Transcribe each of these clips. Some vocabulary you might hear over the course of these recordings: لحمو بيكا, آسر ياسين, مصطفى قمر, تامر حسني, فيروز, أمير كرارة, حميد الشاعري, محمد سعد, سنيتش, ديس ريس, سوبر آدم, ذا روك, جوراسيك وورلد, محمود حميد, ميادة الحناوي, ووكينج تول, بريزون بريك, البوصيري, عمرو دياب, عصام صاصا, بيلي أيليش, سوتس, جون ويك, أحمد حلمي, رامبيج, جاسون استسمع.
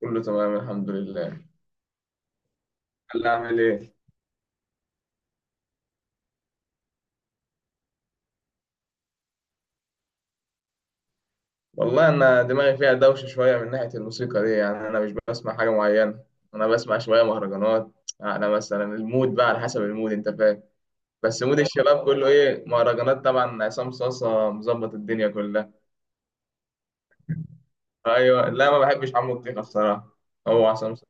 كله تمام الحمد لله. هلا اعمل ايه؟ والله انا دماغي فيها دوشه شويه من ناحيه الموسيقى دي، يعني انا مش بسمع حاجه معينه. انا بسمع شويه مهرجانات. انا مثلا المود بقى على حسب المود، انت فاهم. بس مود الشباب كله ايه، مهرجانات، طبعا عصام صاصا مظبط الدنيا كلها. ايوه، لا ما بحبش عمرو دياب الصراحه. هو عصام صاصا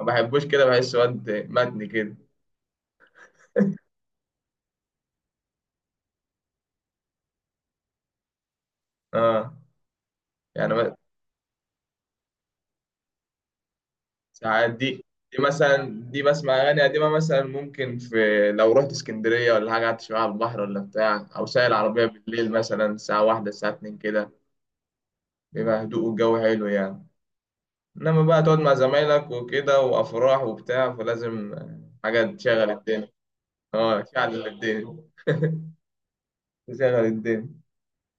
ما بحبوش كده، بحس واد متني كده. اه يعني ساعات دي. دي مثلا دي بسمع أغاني قديمة مثلا، ممكن في لو رحت اسكندرية ولا حاجة، قعدت شوية على البحر ولا بتاع، أو سايق العربية بالليل مثلا الساعة واحدة الساعة اتنين كده، بيبقى هدوء والجو حلو يعني. إنما بقى تقعد مع زمايلك وكده وأفراح وبتاع فلازم حاجة تشغل الدنيا. اه تشغل الدنيا، تشغل الدنيا.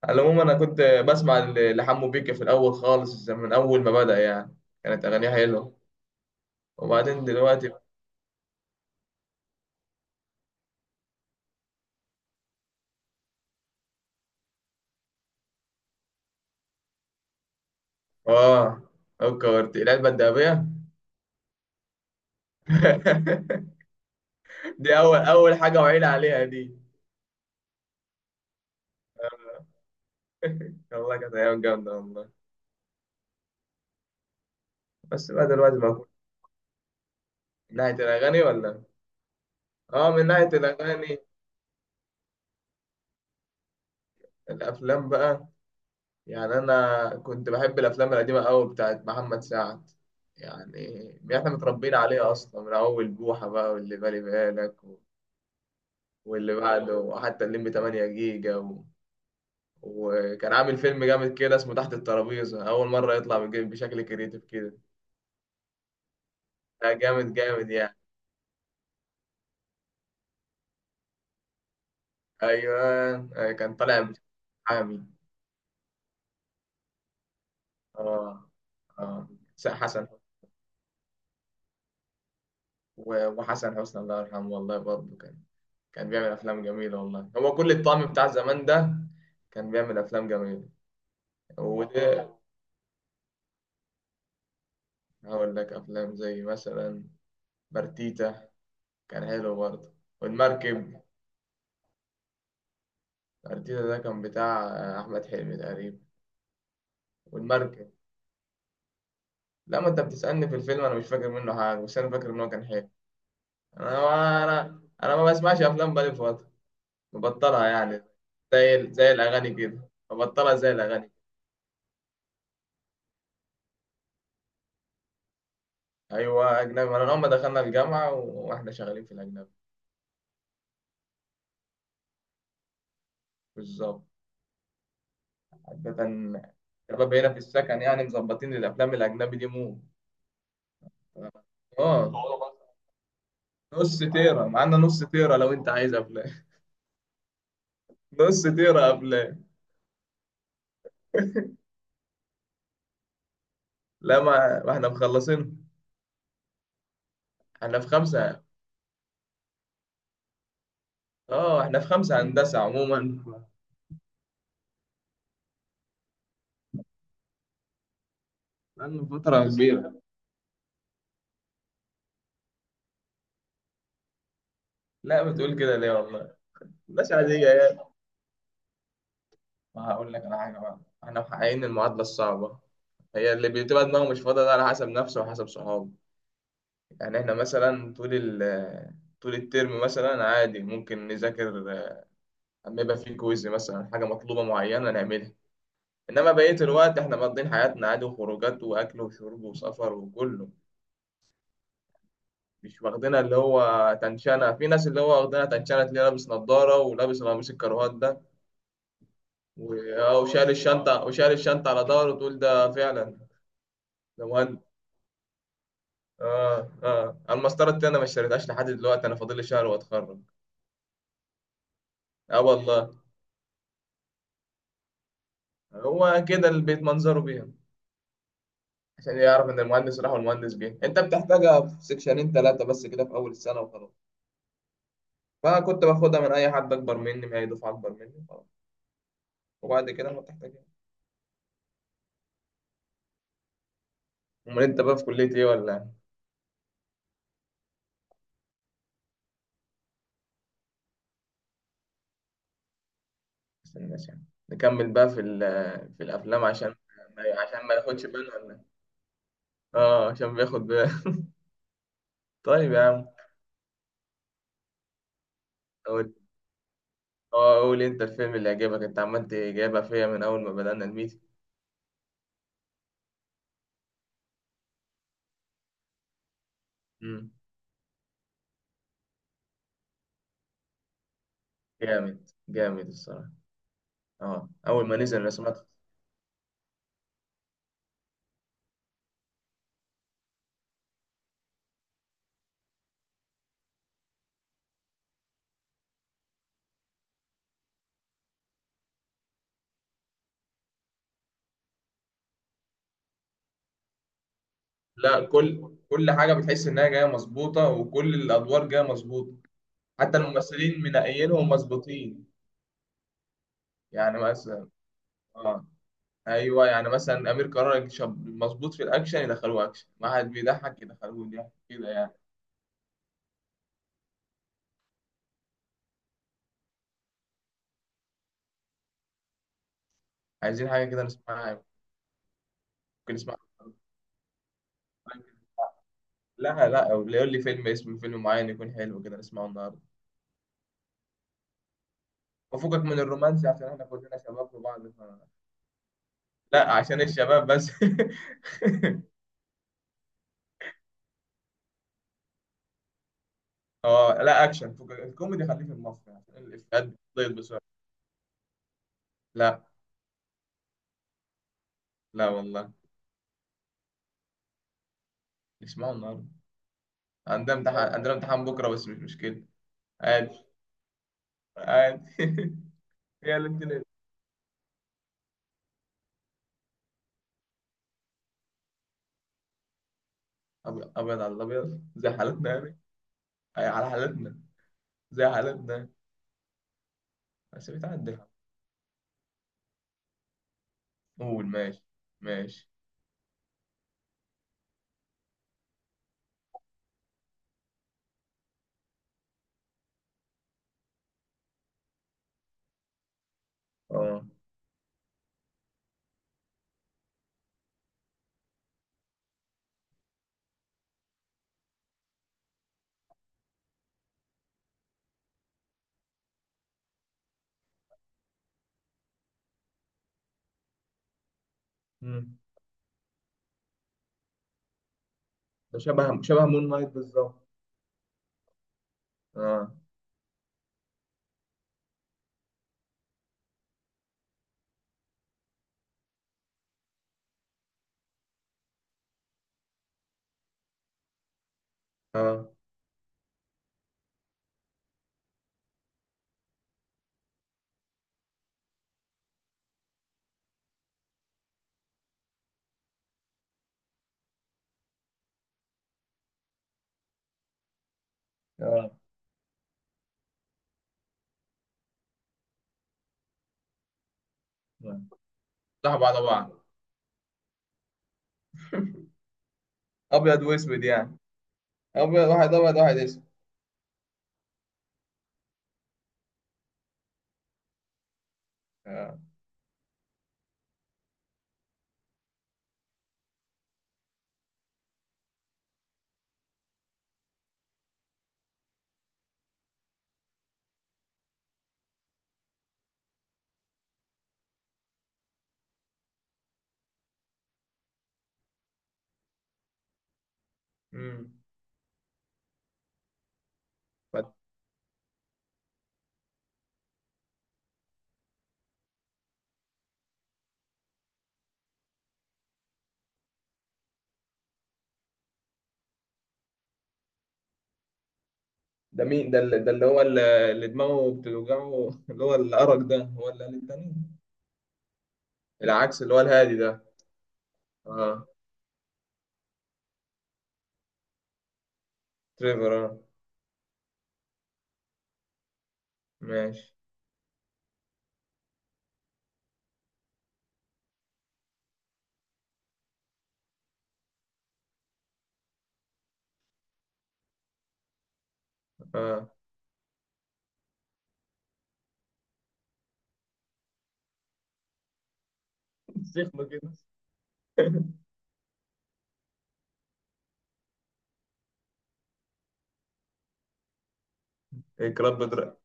على العموم أنا كنت بسمع لحمو بيكا في الأول خالص، من أول ما بدأ يعني كانت أغانيه حلوة. وبعدين دلوقتي اه، فكرت العلبة الذهبية دي اول اول حاجه وعيل عليها دي. والله كانت ايام جامده والله. بس بقى دلوقتي ما أكون. من ناحيه الاغاني ولا؟ اه من ناحيه الاغاني. الافلام بقى، يعني انا كنت بحب الافلام القديمه قوي بتاعت محمد سعد. يعني احنا متربيين عليها اصلا من اول بوحه بقى واللي بالي بالك و- واللي بعده، وحتى الليمبي 8 جيجا و... وكان عامل فيلم جامد كده اسمه تحت الترابيزه، اول مره يطلع بشكل كريتيف كده. لا جامد جامد يعني. ايوه. أيوة، كان طالع بالحامي. اه اه. حسن وحسن حسني الله يرحمه، والله برضه كان كان بيعمل افلام جميله والله، هو كل الطعم بتاع زمان ده. كان بيعمل افلام جميله. وده هقول لك افلام زي مثلا برتيتا، كان حلو برضه. والمركب. برتيتا ده كان بتاع احمد حلمي تقريبا. والمركب. لما انت بتسالني في الفيلم انا مش فاكر منه حاجه، بس انا فاكر ان هو كان حلو. انا ما بسمعش افلام بقالي فتره. مبطلها يعني، زي الأغاني كده، مبطلها زي الأغاني. أيوة أجنبي، من أول ما دخلنا الجامعة وإحنا شغالين في الأجنبي. بالظبط، عادة. الشباب هنا في السكن يعني مظبطين الأفلام الأجنبي دي مو. آه. نص تيرة معانا، نص تيرة لو أنت عايز أفلام. نص تيرة أفلام. لا ما إحنا مخلصين. إحنا في خمسة. آه إحنا في خمسة هندسة عموما. بقالنا فترة كبيرة. لا بتقول كده ليه والله، مش عادية يعني. ما هقول لك على حاجة بقى، احنا محققين المعادلة الصعبة. هي اللي بتبقى دماغه مش فاضية ده على حسب نفسه وحسب صحابه. يعني احنا مثلا طول الترم مثلا عادي ممكن نذاكر، لما يبقى في كويز مثلا حاجة مطلوبة معينة نعملها، انما بقية الوقت احنا مقضيين حياتنا عادي وخروجات واكل وشرب وسفر وكله. مش واخدينها اللي هو تنشنة، في ناس اللي هو واخدينها تنشنة تلاقيه لابس نضارة ولابس قميص الكروات ده وشايل الشنطة على ظهره، تقول ده فعلا ده مهندس. اه اه، المسطره التانية ما اشتريتهاش لحد دلوقتي، انا فاضل لي شهر واتخرج. اه والله. هو كده البيت منظره بيها، عشان يعرف ان المهندس راح والمهندس جه. انت بتحتاجها في سكشنين ثلاثه بس كده في اول السنه وخلاص، فكنت باخدها من اي حد اكبر مني، من اي دفعه اكبر مني وخلاص، وبعد كده ما بتحتاجها. امال انت بقى في كليه ايه ولا إيه؟ عشان الناس يعني نكمل بقى في في الافلام، عشان عشان ما ياخدش باله ولا إيه؟ اه عشان بياخد باله. طيب يا عم. اه قول انت الفيلم اللي عجبك، انت عمال تجيبها فيا من اول ما بدأنا الميتنج. امم. جامد جامد الصراحة. اه اول ما نزل انا سمعت. لا كل حاجة بتحس انها جاية مظبوطة وكل الادوار جاية مظبوطة. حتى الممثلين منقيينهم مظبوطين. يعني مثلا، اه ايوه يعني مثلا امير كرارة شاب مظبوط في الاكشن يدخلوه اكشن، واحد بيضحك يدخلوه ضحك كده يعني. عايزين حاجة كده نسمعها، ممكن نسمعها. لا لا، أو يقول لي فيلم، اسم فيلم معين يكون حلو كده نسمعه النهارده. وفكك من الرومانسي عشان احنا كلنا شباب في بعض ف... لا عشان الشباب بس. اه لا اكشن، فكك الكوميدي خليه في المصري عشان الافيهات بتضيع بسرعه. لا لا والله، نسمعه النهارده. عندنا امتحان، عندنا امتحان بكره بس مش مشكله. عادي. عادي هي الامتحان أبيض أبيض، على الأبيض زي حالتنا يعني. أي على حالتنا، زي حالتنا. بس بتعدي الحال. قول ماشي. ماشي. اه. مم. ده شبه مون نايت بالظبط. اه اه اه. صح بعض بعض. ابيض واسود يعني. ابيض واحد، ابيض واحد اسود. آه. امم. فت- ده مين ده اللي، ده اللي هو اللي دماغه بتوجعه اللي هو الارق ده، هو اللي قال التاني؟ العكس اللي هو الهادي ده. اه تريفر اه. ماشي. اه. سخنه كده اكرام بضرب.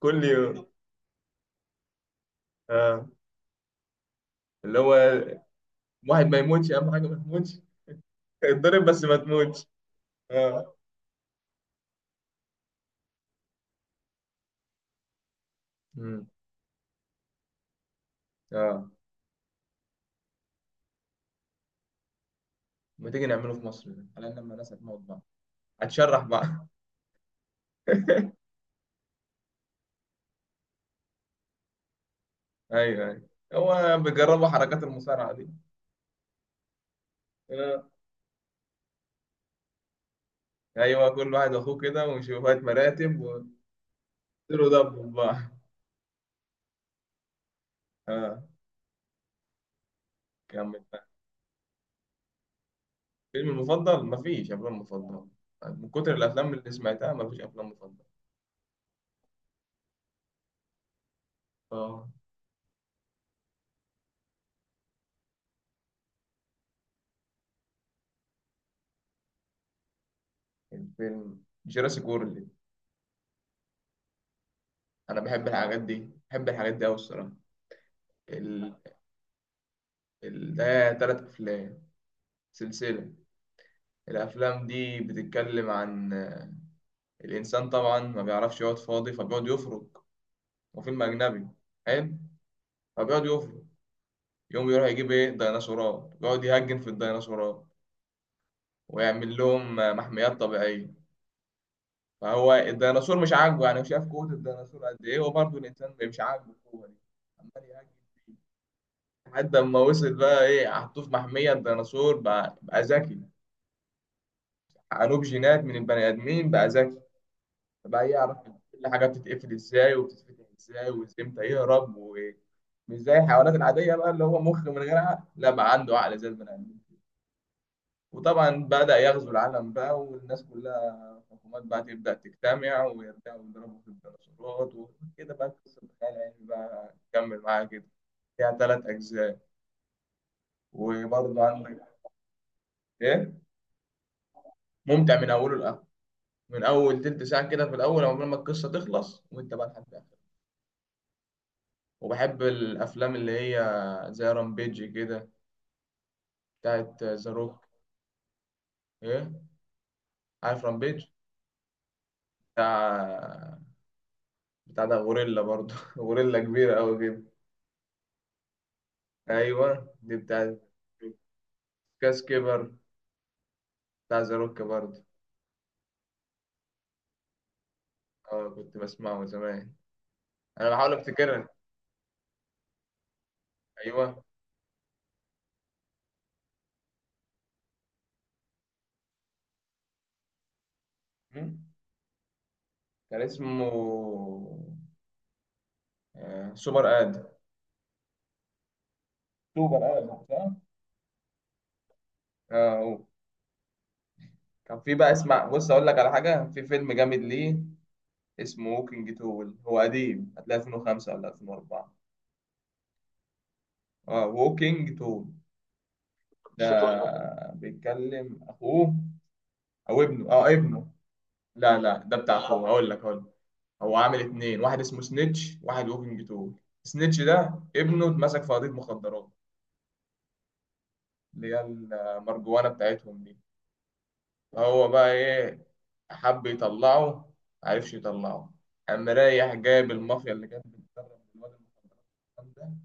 كل يوم. اه اللي هو واحد ما يموتش، اهم حاجه ما يموتش. اتضرب بس ما تموتش. اه. امم. اه. ما تيجي نعمله في مصر ده، على ان لما الناس هتموت بعض. هتشرح بعض. ايوه ايوه. هو بيجربوا حركات المصارعه دي. آه. ايوه كل واحد اخوه كده وشوية مراتب ويصيروا، دبوا بقى. اه. كمل بقى. فيلم المفضل، مفيش افلام مفضله. من كتر الافلام اللي سمعتها مفيش افلام مفضله. اه. الفيلم جوراسيك وورلد. انا بحب الحاجات دي، بحب الحاجات دي قوي الصراحه. ال... ده تلات افلام، سلسله. الافلام دي بتتكلم عن الانسان طبعا ما بيعرفش يقعد فاضي فبيقعد يفرك. وفيلم اجنبي حلو. فبيقعد يفرق، يقوم يروح يجيب ايه ديناصورات، يقعد يهجن في الديناصورات، ويعمل لهم محميات طبيعية. فهو الديناصور مش عاجبه، يعني شاف قوة الديناصور قد ايه، وبرضه الإنسان مش عاجبه القوة دي، عمال يهجن فيه. لحد ما وصل بقى ايه، حطوه في محمية الديناصور بقى، بقى ذكي. عنوب جينات من البني آدمين بقى ذكي، بقى يعرف كل حاجة بتتقفل ازاي وبتتفتح ازاي وازاي امتى يهرب. ومش زي الحيوانات العادية بقى اللي هو مخ من غير عقل، لا بقى عنده عقل زي البني آدمين. وطبعا بدأ يغزو العالم بقى، والناس كلها الحكومات بقى تبدأ تجتمع ويرجعوا يضربوا في الديناصورات وكده، بقى قصة الخيال العلمي بقى تكمل معاها كده. فيها تلات أجزاء. وبرضه عندك. إيه. ممتع من أوله لآخره، من أول تلت ساعة كده في الأول عقبال ما القصة تخلص، وأنت بقى لحد آخر. وبحب الأفلام اللي هي زي رامبيج كده، بتاعت ذا روك. إيه. عارف رامبيج. بتاع بتاع ده غوريلا برضه غوريلا كبيرة أوي كده. ايوه دي بتاع. كاس كبر، بتاع ذا روك برضه. اه كنت بسمعه زمان. انا بحاول افتكرها. ايوه. مم. كان اسمه سوبر اد، سوبر ادم صح؟ اه هو. كان في بقى، اسمع بص اقول لك على حاجه، في فيلم جامد ليه اسمه ووكينج تول. هو قديم هتلاقيه 2005 ولا 2004. اه ووكينج تول. ده بيتكلم اخوه، او ابنه، اه ابنه. لا لا ده بتاع اخوه، هقول لك. هو عامل اتنين، واحد اسمه سنيتش واحد ووكينج تول. سنيتش ده ابنه اتمسك في قضية مخدرات، اللي هي المرجوانة بتاعتهم دي. فهو بقى ايه، حب يطلعه، معرفش يطلعه. قام رايح جايب المافيا اللي كانت بتدرب الواد المخدرات والكلام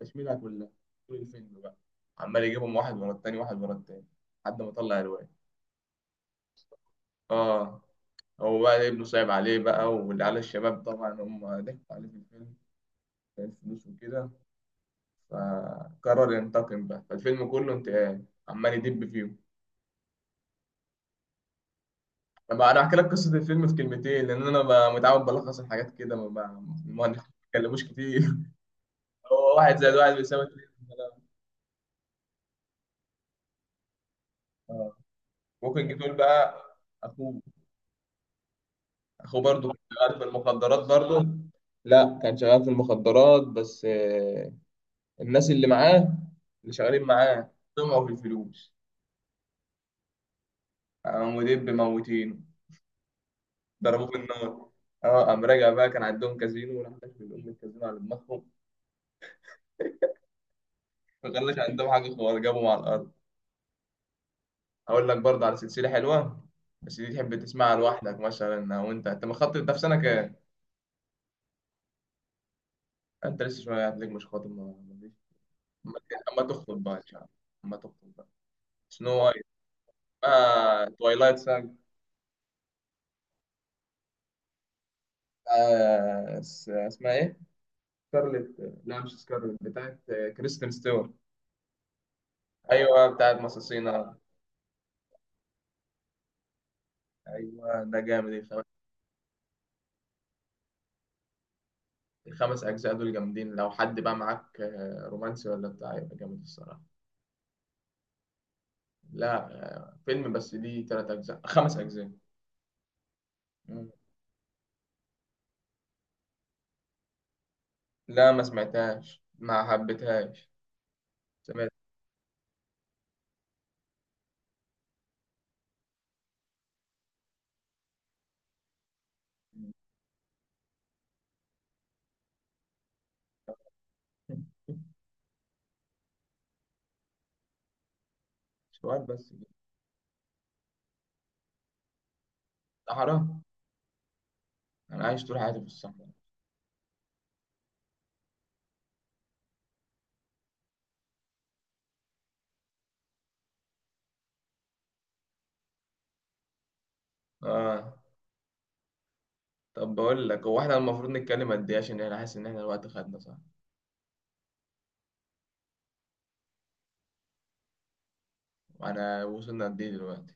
ده، تشميلها كلها طول الفيلم بقى، عمال يجيبهم واحد ورا التاني، واحد ورا التاني، لحد ما طلع الواد. اه. هو بقى ابنه صعب عليه بقى، والعيال الشباب طبعا هم ضحكوا عليه في الفيلم، كان فلوس وكده، فقرر ينتقم بقى، فالفيلم كله انتقام عمال يدب فيهم. طب انا احكي لك قصه الفيلم في كلمتين لان انا متعود بلخص الحاجات كده، ما بنتكلموش كتير. هو واحد زائد واحد بيساوي اتنين. آه. ممكن جدول بقى. اخوه، اخوه برضه كان شغال في المخدرات برضه. لا كان شغال في المخدرات بس الناس اللي معاه، اللي شغالين معاه طمعوا في الفلوس. قاموا دب موتينه، ضربوه بالنار. اه قام راجع بقى، كان عندهم كازينو وراح داخل الام الكازينو على دماغهم، ما كانش عندهم حاجه خالص، جابهم على الارض. اقول لك برضه على سلسله حلوه، بس دي تحب تسمعها لوحدك مثلا، او انت مخطب، ده في سنه كام؟ انت لسه شويه هتلاقيك مش خاطب، ما ما فيش. اما أما تخطب بقى ان شاء الله، اما تخطب بقى. سنو وايت، آه توايلايت ساج. آه اسمها ايه؟ سكارلت، لا مش سكارلت، بتاعت كريستين ستيوارت. ايوه بتاعت مصاصينا. ايوه ده جامد. الخمس أجزاء دول جامدين، لو حد بقى معاك رومانسي ولا بتاع، يبقى جامد الصراحة. لا فيلم، بس دي تلات أجزاء خمس أجزاء. مم. لا ما سمعتهاش ما حبيتهاش. سمعت. شوية بس كده. صحراء. أنا عايش طول حياتي في الصحراء. آه طب بقول لك، هو إحنا المفروض نتكلم قد إيه، عشان أنا حاسس إن إحنا الوقت خدنا صح. وأنا وصلنا قد إيه دلوقتي؟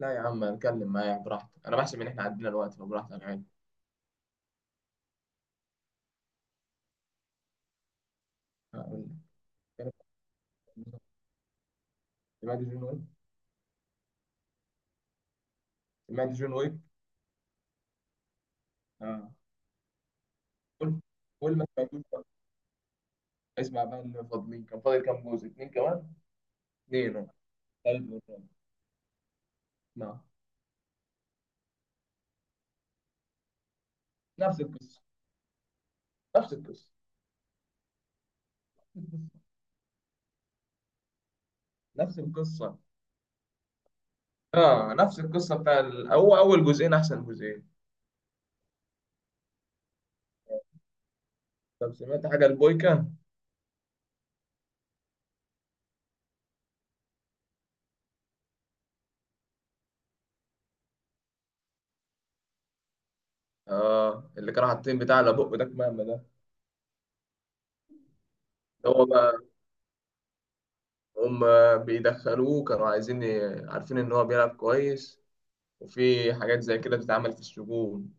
لا يا عم نتكلم، معايا براحتك، أنا بحسب إن إحنا عدينا الوقت، فبراحتك عادي. هقول لك، سمعت جون ويك؟ سمعت جون ويك. آه. قول قول ما سمعتوش بقى، اسمع بقى اللي فاضلين، كان فاضل كام جزء، اتنين كمان. اتنين آه، تالت والرابع. نعم. نفس القصه. نفس القصه. نفس القصه. اه نفس القصه. بتاع ال- هو اول جزئين احسن جزئين. طب سمعت حاجه البويكا. اه اللي كانوا حاطين بتاع على بقه ده كمامه ده. اللي هو بقى، هم بيدخلوه كانوا عايزين عارفين ان هو بيلعب كويس، وفي حاجات زي كده بتتعمل في السجون،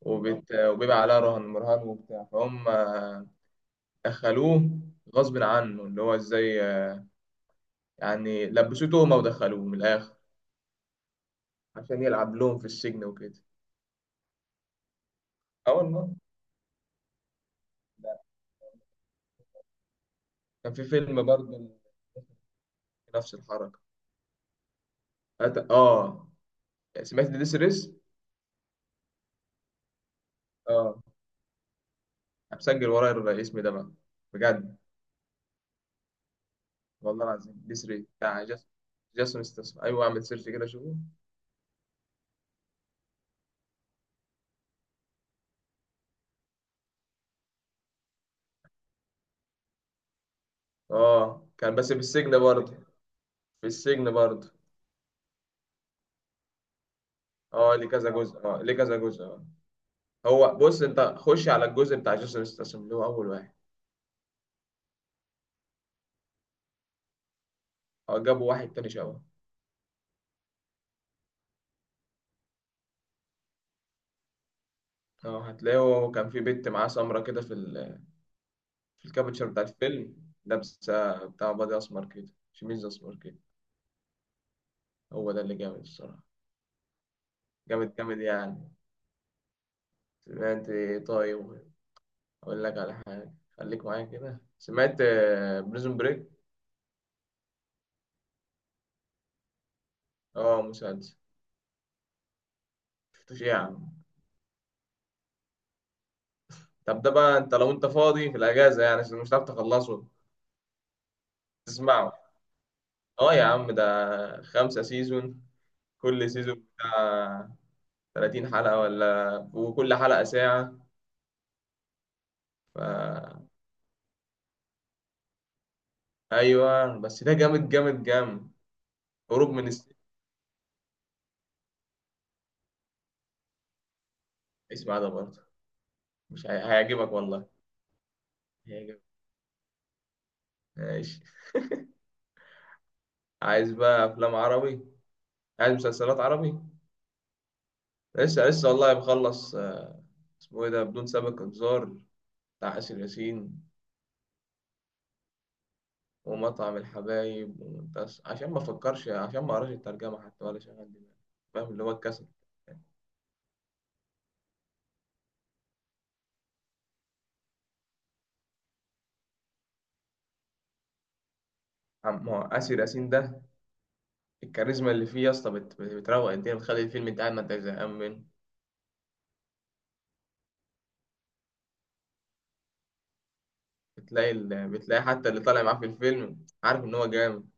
وبيبقى عليها رهن مرهن وبتاع، فهم دخلوه غصب عنه اللي هو ازاي، يعني لبسوه تهمة ودخلوه من الآخر عشان يلعب لهم في السجن وكده. اه والله. لا. كان في فيلم برضه نفس الحركة. أت- اه سمعت ديس ريس؟ اه هسجل ورايا الاسم ده بقى، بجد. والله العظيم ديس ريس بتاع جاسون استسمع، ايوه اعمل سيرش كده شوفه. اه كان بس في السجن برضه، في السجن برضه. اه ليه كذا جزء، اه ليه كذا جزء، اه. هو بص انت خش على الجزء بتاع جاسون استسمع اللي هو اول واحد. اه جابوا واحد تاني شبهه. اه هتلاقيه كان في بنت معاه سمرة كده في في الكابتشر بتاعت الفيلم، لابسة بتاع بادي أسمر كده، شميز أسمر كده. هو ده اللي جامد الصراحة. جامد جامد يعني. سمعت إيه طيب؟ أقول لك على حاجة خليك معايا كده، سمعت بريزون بريك؟ اه مسلسل. شفتوش إيه يا عم؟ طب ده بقى انت لو انت فاضي في الأجازة يعني عشان مش هتعرف تخلصه، تسمعه. اه يا عم ده خمسة سيزون، كل سيزون بتاع 30 حلقة، ولا وكل حلقة ساعة. ف... أيوة بس ده جامد جامد جامد. هروب من السجن، اسمع ده برضه، مش هي... هيعجبك والله. هيعجبك. ماشي. عايز بقى أفلام عربي، عايز مسلسلات عربي. لسه لسه والله بخلص اسمه إيه ده، بدون سابق إنذار بتاع آسر ياسين، ومطعم الحبايب ومنتص، عشان ما أفكرش عشان ما أقراش الترجمة حتى، ولا شغال دماغي فاهم، اللي هو الكسل. ما هو آسر ياسين ده الكاريزما اللي فيه يا اسطى، بتروق الدنيا، بتخلي الفيلم انت قاعد ما انت زهقان منه. بتلاقي حتى اللي طالع معاه في الفيلم عارف ان هو جامد.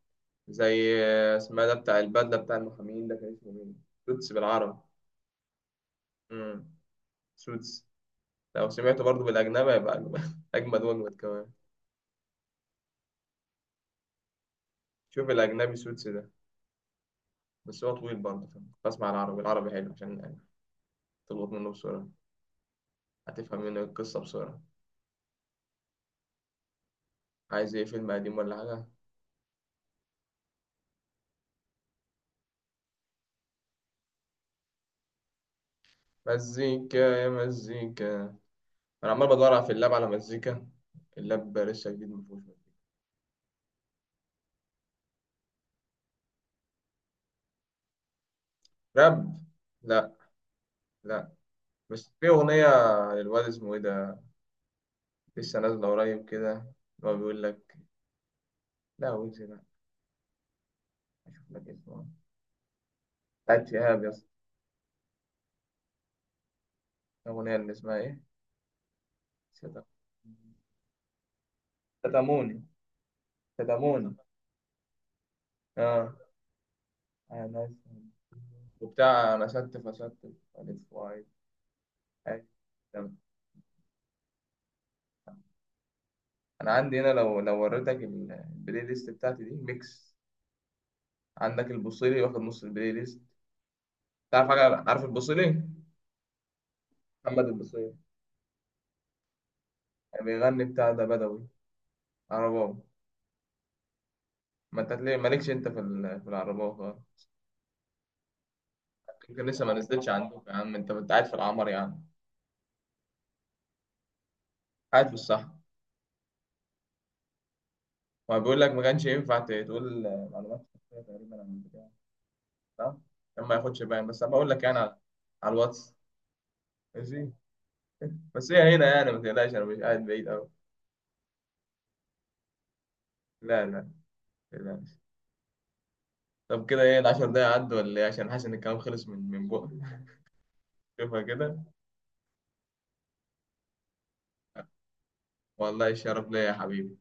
زي اسمها ده، بتاع البدله بتاع المحامين ده كان اسمه مين؟ سوتس بالعربي. امم. سوتس. لو سمعته برضه بالاجنبي هيبقى اجمد اجمد واجمد كمان. شوف الاجنبي سوتس ده، بس هو طويل برضه فاهم، بسمع العربي، العربي حلو عشان تلقط منه بسرعه، هتفهم منه القصه بسرعه. عايز ايه، فيلم قديم ولا حاجه؟ مزيكا يا مزيكا. انا عمال بدور في اللاب على مزيكا، اللاب لسه جديد مفهوش. راب. لا. لا. بس في اغنيه للواد اسمه ايه ده، لسه نازله قريب كده، اللي هو بيقول لك. لا ويجز لا. اشوف لك اسمه. بتاعت شهاب يا اسطى. الاغنيه اللي اسمها ايه؟ صدق، صدموني. صدموني. اه. انا. وبتاع انا ستف استف، الف واي. أي. تمام. انا عندي هنا لو وريتك البلاي ليست بتاعتي دي ميكس، عندك البوصيري واخد نص البلاي ليست. تعرف حاجة، عارف البوصيلي؟ محمد البصيري. بيغني بتاع ده بدوي، عرباوي. ما انت ليه مالكش انت في في العرباوي خالص. يمكن لسه ما نزلتش عندك يا عم، انت قاعد في العمر يا عم. قاعد في الصحراء. وبيقول لك ما كانش ينفع تقول معلومات شخصية تقريبا عن البتاع. صح؟ عشان ما ياخدش باين، بس أنا بقول لك يعني على، على الواتس. ماشي. بس هي هنا يعني ما تقلقش، انا مش قاعد بعيد قوي. لا لا. ما تقلقش. طب كده ايه، العشر دقايق عدوا ولا ايه، عشان حاسس ان الكلام خلص من بقى شوفها كده. والله الشرف ليا يا حبيبي.